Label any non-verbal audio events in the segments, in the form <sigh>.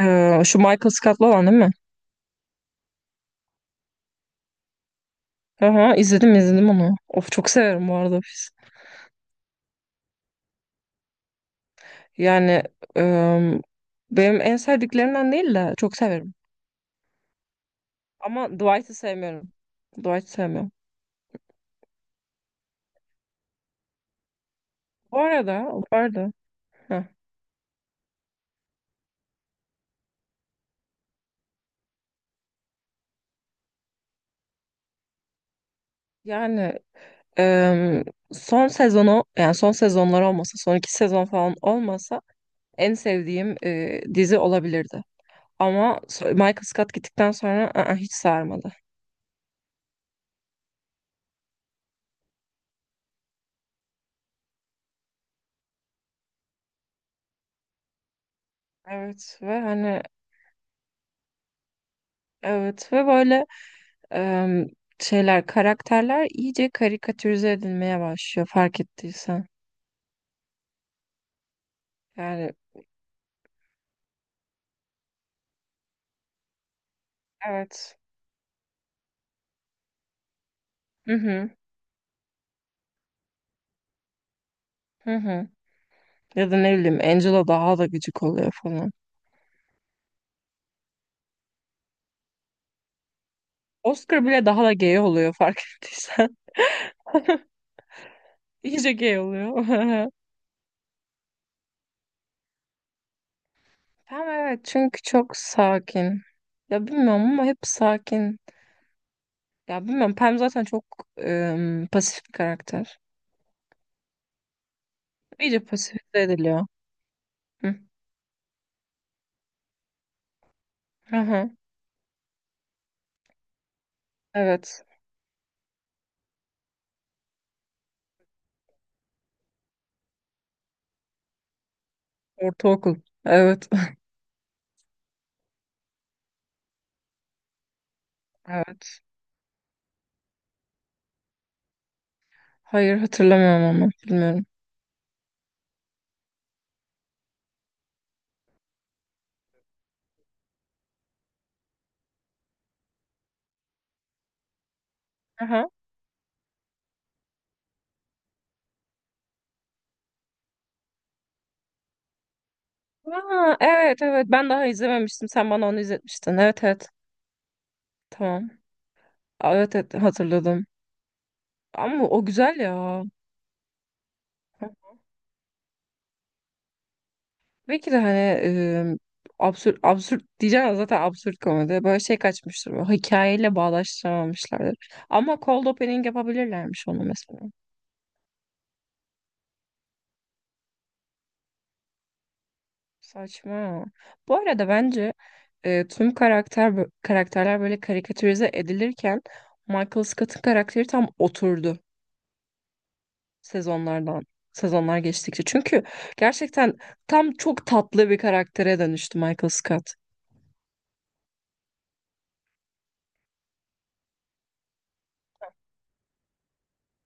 Şu Michael Scott'lı olan değil mi? Aha, izledim onu. Of çok severim bu arada Office. Yani em, benim en sevdiklerimden değil de çok severim. Ama Dwight'ı sevmiyorum. Dwight'ı sevmiyorum. Bu arada, heh, yani em, son sezonu yani son sezonlar olmasa son iki sezon falan olmasa en sevdiğim dizi olabilirdi. Ama Michael Scott gittikten sonra hiç sarmadı. Evet ve hani evet ve böyle em, karakterler iyice karikatürize edilmeye başlıyor fark ettiysen. Yani evet. Hı hı, hı hı. Ya da ne bileyim Angela daha da gıcık oluyor falan. Oscar bile daha da gay oluyor fark ettiysen. <laughs> İyice gay oluyor. <laughs> Pam evet çünkü çok sakin. Ya bilmiyorum ama hep sakin. Ya bilmiyorum Pam zaten çok pasif bir karakter. İyice pasifize ediliyor. Hı. Aha, evet. Ortaokul. Evet. <laughs> Evet. Hayır hatırlamıyorum ama bilmiyorum. Aha. Aa, evet evet ben daha izlememiştim. Sen bana onu izletmiştin. Evet evet tamam. Aa, evet evet hatırladım. Ama o güzel ya. Belki de hani absürt absürt diyeceğim ama zaten absürt komedi. Böyle şey kaçmıştır. Böyle, hikayeyle bağdaştıramamışlardır. Ama cold opening yapabilirlermiş onu mesela. Saçma. Bu arada bence tüm karakterler böyle karikatürize edilirken Michael Scott'ın karakteri tam oturdu. sezonlardan sezonlar geçtikçe. Çünkü gerçekten tam çok tatlı bir karaktere dönüştü Michael Scott.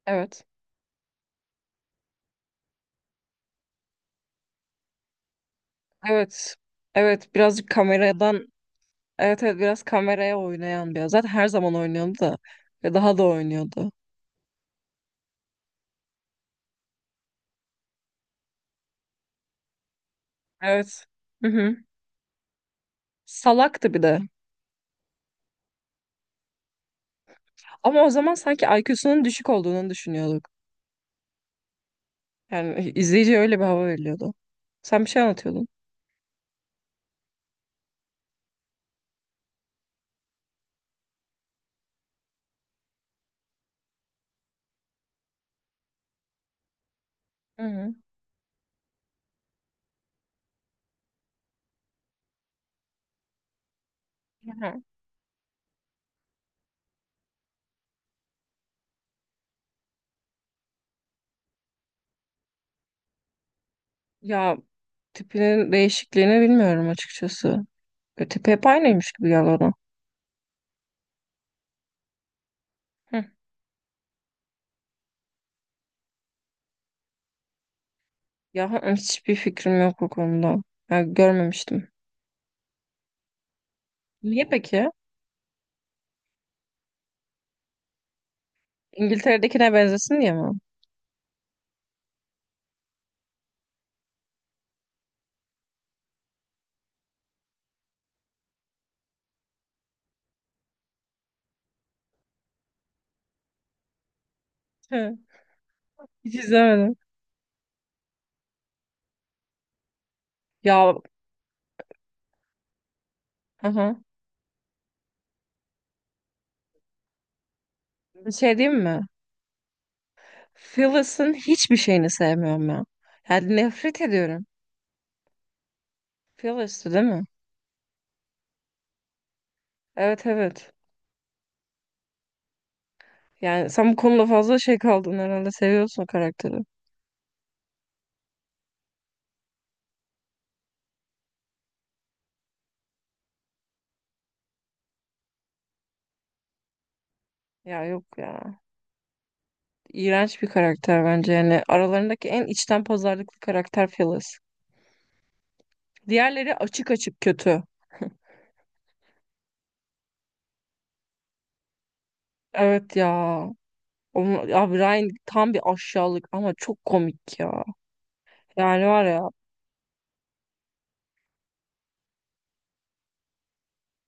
Evet. Evet. Evet birazcık kameradan, evet evet, biraz kameraya oynayan bir. Zaten her zaman oynuyordu da ve daha da oynuyordu. Evet. Hı hı. Salaktı bir de. Ama o zaman sanki IQ'sunun düşük olduğunu düşünüyorduk. Yani izleyici öyle bir hava veriliyordu. Sen bir şey anlatıyordun. Hı hı. Hı hı. Ya tipinin değişikliğini bilmiyorum açıkçası. Tepe hep aynıymış gibi geldi ona. Hı. Ya hani hiçbir fikrim yok bu konuda. Ya, görmemiştim. Niye peki? İngiltere'dekine benzesin diye mi? Hı. Hiç izlemedim. Ya aha. Bir şey diyeyim mi? Phyllis'ın hiçbir şeyini sevmiyorum ya. Yani nefret ediyorum. Phyllis'tı değil mi? Evet evet. Yani sen bu konuda fazla şey kaldın herhalde. Seviyorsun karakteri. Ya yok ya. İğrenç bir karakter bence. Yani aralarındaki en içten pazarlıklı karakter Phyllis. Diğerleri açık açık kötü. Evet ya. Ya Ryan tam bir aşağılık ama çok komik ya. Yani var ya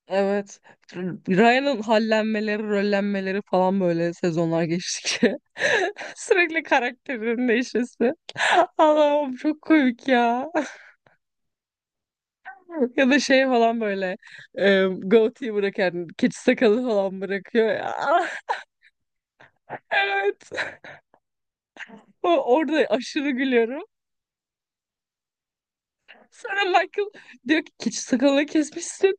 evet Ryan'ın hallenmeleri, rollenmeleri falan böyle sezonlar geçtikçe <laughs> sürekli karakterinin değişmesi. Allah'ım çok komik ya. Ya da şey falan böyle goatee bırakan keçi sakalı falan bırakıyor ya. <laughs> Evet. O, orada aşırı gülüyorum. Sonra Michael diyor ki keçi sakalını kesmişsin.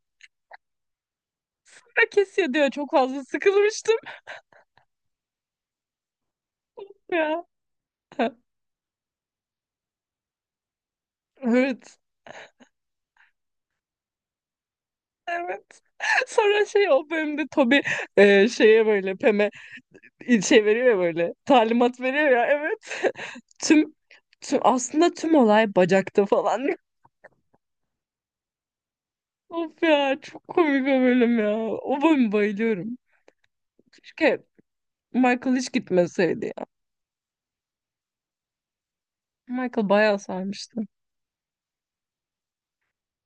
"Ha, kesiyor diyor çok fazla sıkılmıştım. Ya. Evet. Evet. Sonra şey o bölümde Toby şeye böyle Pem'e şey veriyor ya böyle talimat veriyor ya evet. Tüm, tüm aslında tüm olay bacakta falan. <laughs> Of ya çok komik o bölüm ya. O bölüm bayılıyorum. Keşke Michael hiç gitmeseydi ya. Michael bayağı sarmıştı.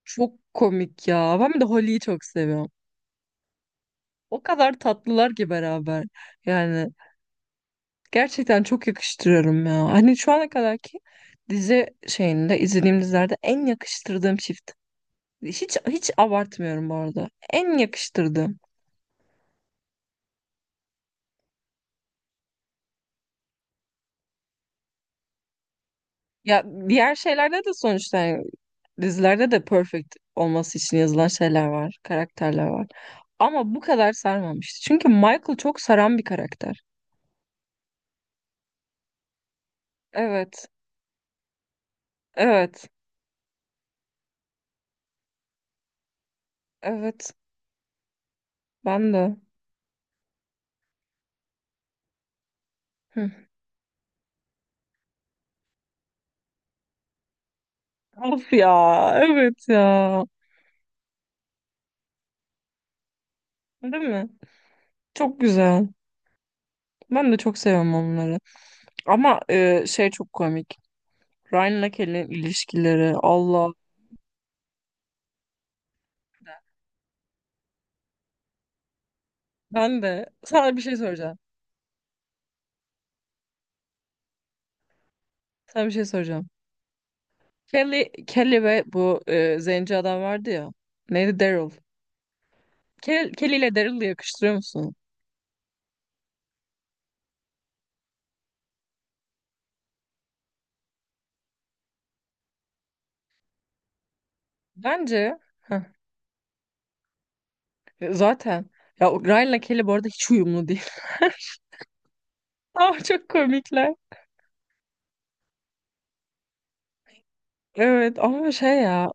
Çok komik ya. Ben bir de Holly'yi çok seviyorum. O kadar tatlılar ki beraber. Yani gerçekten çok yakıştırıyorum ya. Hani şu ana kadarki dizi şeyinde izlediğim dizilerde en yakıştırdığım çift. Hiç hiç abartmıyorum bu arada. En yakıştırdığım. Ya diğer şeylerde de sonuçta yani dizilerde de perfect olması için yazılan şeyler var, karakterler var. Ama bu kadar sarmamıştı. Çünkü Michael çok saran bir karakter. Evet. Evet. Evet. Ben de. Hı. Of ya. Evet ya. Değil mi? Çok güzel. Ben de çok seviyorum onları. Ama şey çok komik. Ryan'la Kelly'nin ilişkileri. Allah. Ben de sana bir şey soracağım. Sana bir şey soracağım. Kelly ve bu zenci adam vardı ya. Neydi? Daryl. Kelly ile Daryl'ı yakıştırıyor musun? Bence zaten ya o Ryan'la Kelly bu arada hiç uyumlu değil. <laughs> Ama çok komikler. Evet ama şey ya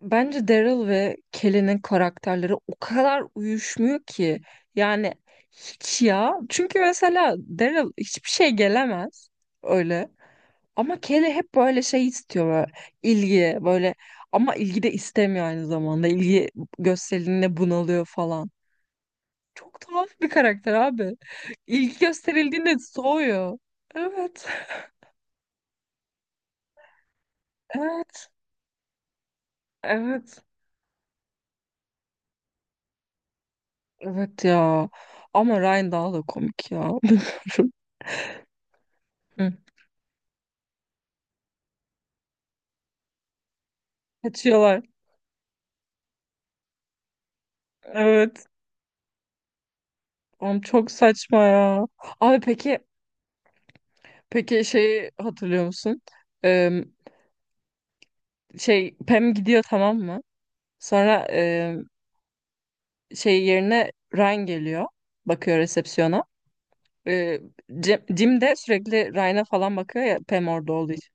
bence Daryl ve Kelly'nin karakterleri o kadar uyuşmuyor ki. Yani hiç ya. Çünkü mesela Daryl hiçbir şey gelemez öyle. Ama Kelly hep böyle şey istiyor böyle ilgi böyle ama ilgi de istemiyor aynı zamanda. İlgi gösterildiğinde bunalıyor falan. Çok tuhaf bir karakter abi. İlgi gösterildiğinde soğuyor. Evet. Evet. Evet. Evet ya. Ama Ryan daha da komik ya. <laughs> Bilmiyorum. Kaçıyorlar. Evet. Oğlum çok saçma ya. Abi peki şeyi hatırlıyor musun? Ee, Şey Pam gidiyor tamam mı? Sonra şey yerine Ryan geliyor. Bakıyor resepsiyona. Ee, Jim de sürekli Ryan'a falan bakıyor ya Pam orada olduğu için.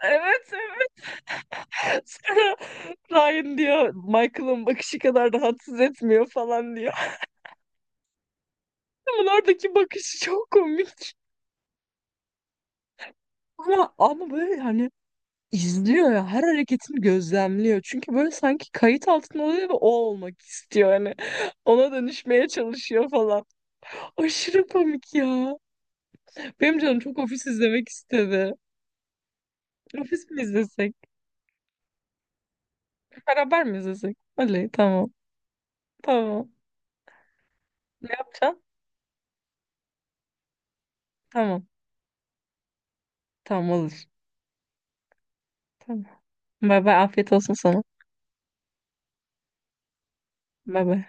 Evet evet. <laughs> Sonra Ryan diyor Michael'ın bakışı kadar rahatsız etmiyor falan diyor. <laughs> Bunun oradaki bakışı çok komik. Ama böyle hani izliyor ya her hareketini gözlemliyor. Çünkü böyle sanki kayıt altında oluyor ve o olmak istiyor yani, <laughs> Ona dönüşmeye çalışıyor falan. Aşırı komik ya. Benim canım çok ofis izlemek istedi. Ofis mi izlesek? Beraber mi izlesek? Oley tamam. Tamam. Ne yapacaksın? Tamam. Tamam olur. Tamam. Bay bay afiyet olsun sana. Bay bay.